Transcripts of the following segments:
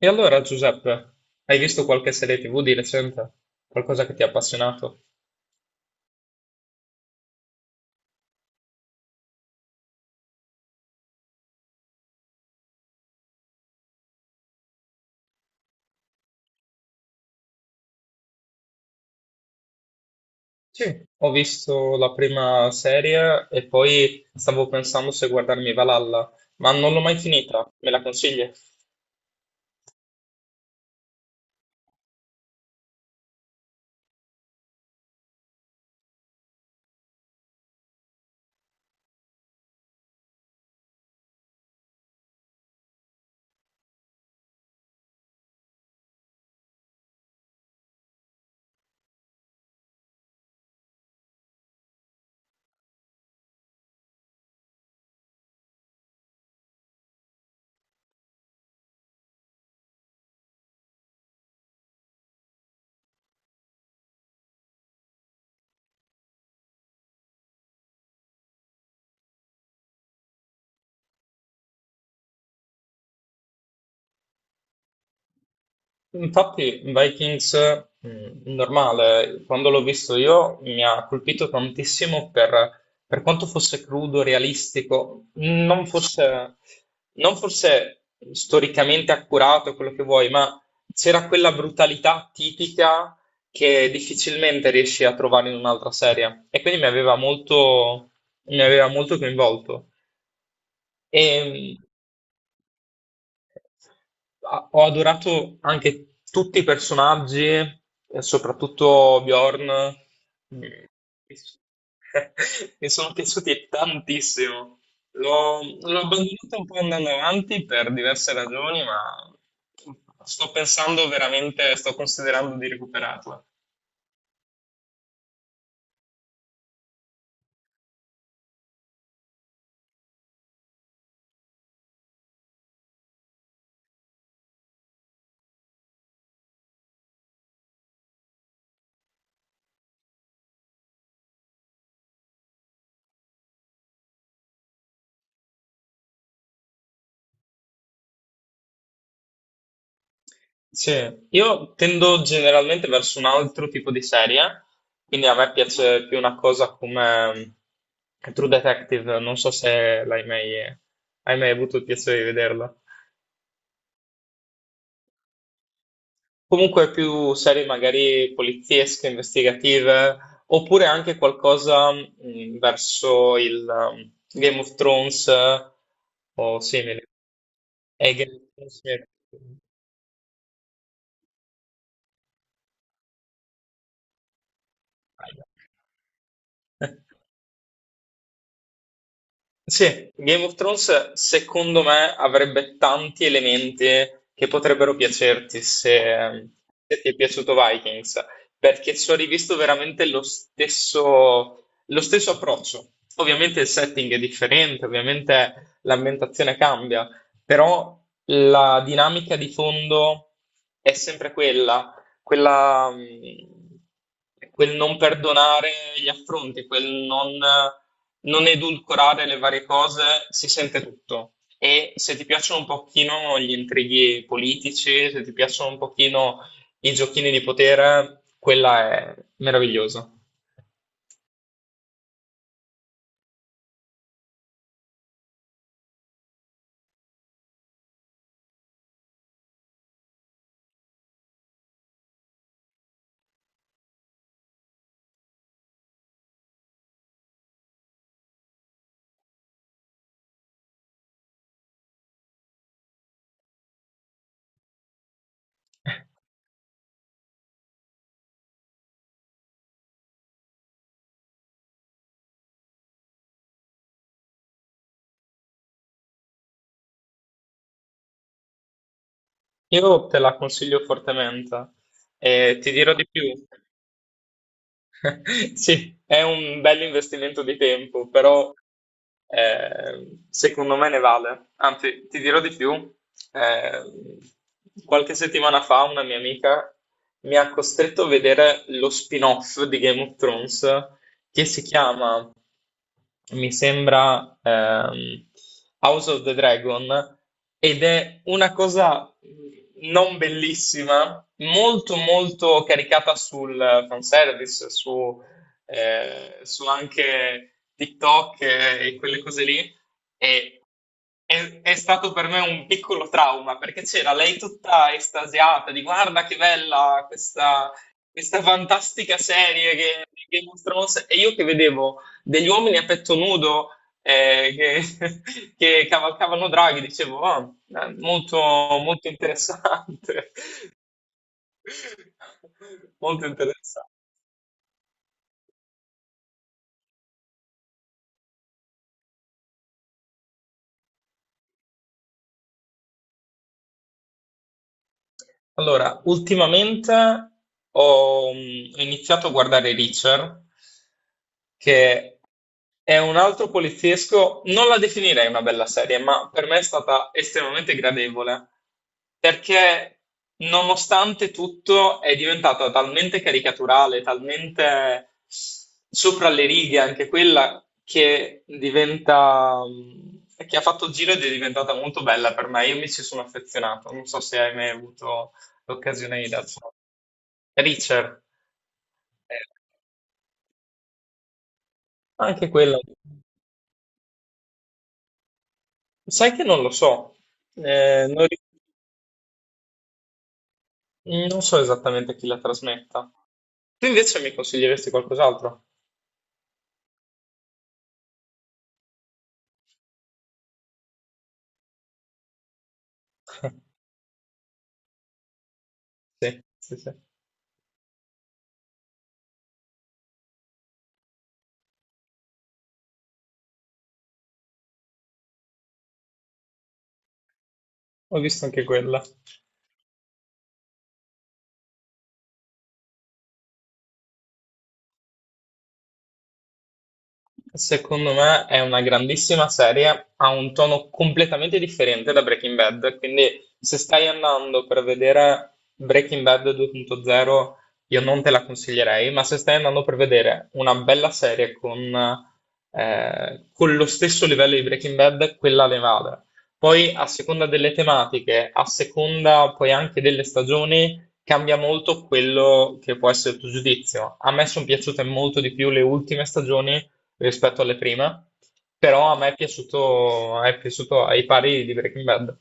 E allora, Giuseppe, hai visto qualche serie TV di recente? Qualcosa che ti ha appassionato? Sì, ho visto la prima serie e poi stavo pensando se guardarmi Valhalla, ma non l'ho mai finita. Me la consigli? Infatti, Vikings, normale, quando l'ho visto io mi ha colpito tantissimo per quanto fosse crudo, realistico, non fosse storicamente accurato quello che vuoi, ma c'era quella brutalità tipica che difficilmente riesci a trovare in un'altra serie. E quindi mi aveva molto coinvolto. E, Ah, ho adorato anche tutti i personaggi, e soprattutto Bjorn. Mm. Mi sono piaciuti tantissimo. L'ho abbandonato un po' andando avanti per diverse ragioni, ma sto pensando veramente, sto considerando di recuperarla. Sì, io tendo generalmente verso un altro tipo di serie, quindi a me piace più una cosa come True Detective, non so se l'hai mai, hai mai avuto il piacere di vederla. Comunque più serie magari poliziesche, investigative, oppure anche qualcosa verso il Game of Thrones, o simili. Game of Thrones mi è- Sì, Game of Thrones secondo me avrebbe tanti elementi che potrebbero piacerti se, se ti è piaciuto Vikings, perché ci ho rivisto veramente lo stesso approccio. Ovviamente il setting è differente, ovviamente l'ambientazione cambia, però la dinamica di fondo è sempre quella. Quel non perdonare gli affronti, quel non edulcorare le varie cose, si sente tutto. E se ti piacciono un pochino gli intrighi politici, se ti piacciono un pochino i giochini di potere, quella è meravigliosa. Io te la consiglio fortemente e ti dirò di più. Sì, è un bel investimento di tempo, però secondo me ne vale. Anzi, ti dirò di più. eh, Qualche settimana fa una mia amica mi ha costretto a vedere lo spin-off di Game of Thrones che si chiama, mi sembra, House of the Dragon ed è una cosa non bellissima, molto molto caricata sul fanservice, su, su anche TikTok e quelle cose lì. E è stato per me un piccolo trauma perché c'era lei tutta estasiata di guarda che bella questa fantastica serie e io che vedevo degli uomini a petto nudo eh, che, che cavalcavano draghi, dicevo, "Ah, molto, molto interessante, molto interessante." Allora, ultimamente ho iniziato a guardare Reacher, che è un altro poliziesco, non la definirei una bella serie, ma per me è stata estremamente gradevole, perché nonostante tutto è diventata talmente caricaturale, talmente sopra le righe anche quella, che diventa, che ha fatto il giro ed è diventata molto bella per me. Io mi ci sono affezionato, non so se hai mai avuto l'occasione di Dudson. Richard, eh, anche quella, sai che non lo so. Eh, non, ri- Non so esattamente chi la trasmetta. Tu invece mi consiglieresti qualcos'altro? Sì, sì, sì, ho visto anche quella. Secondo me è una grandissima serie, ha un tono completamente differente da Breaking Bad, quindi se stai andando per vedere Breaking Bad 2.0 io non te la consiglierei, ma se stai andando per vedere una bella serie con lo stesso livello di Breaking Bad, quella le vale. Poi a seconda delle tematiche, a seconda poi anche delle stagioni, cambia molto quello che può essere il tuo giudizio. A me sono piaciute molto di più le ultime stagioni rispetto alle prime, però a me è piaciuto ai pari di Breaking Bad.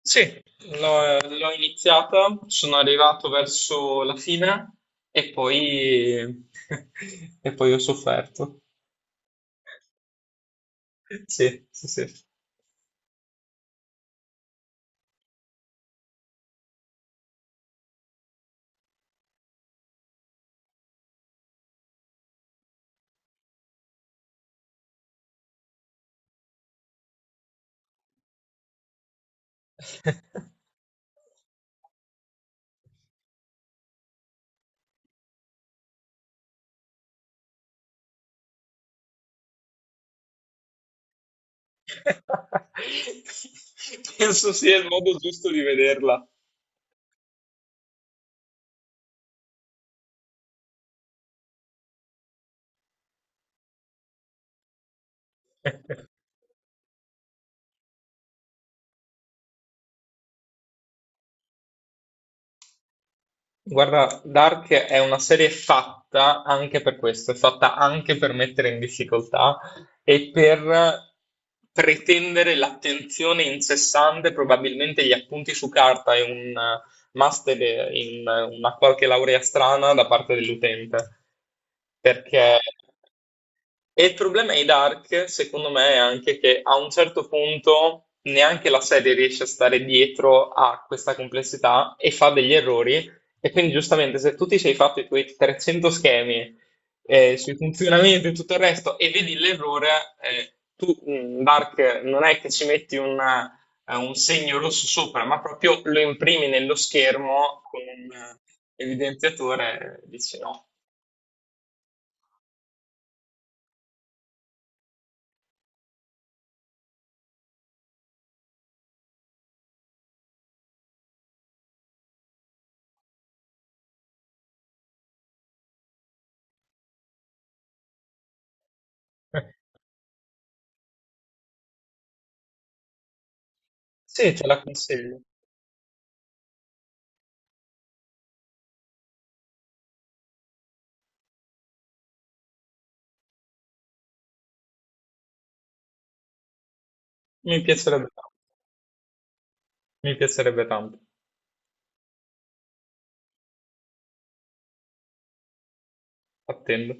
Sì, l'ho iniziata, sono arrivato verso la fine e poi, e poi ho sofferto. Sì, sì, sì. Penso sia il modo giusto di vederla. Guarda, Dark è una serie fatta anche per questo, è fatta anche per mettere in difficoltà e per pretendere l'attenzione incessante, probabilmente gli appunti su carta e un master in una qualche laurea strana da parte dell'utente. Perché e il problema di Dark, secondo me, è anche che a un certo punto neanche la serie riesce a stare dietro a questa complessità e fa degli errori. E quindi, giustamente, se tu ti sei fatto i tuoi 300 schemi sui funzionamenti e tutto il resto e vedi l'errore, tu, Dark, non è che ci metti un segno rosso sopra, ma proprio lo imprimi nello schermo con un evidenziatore e dici no. Sì, ce la consiglio. Mi piacerebbe tanto, attendo.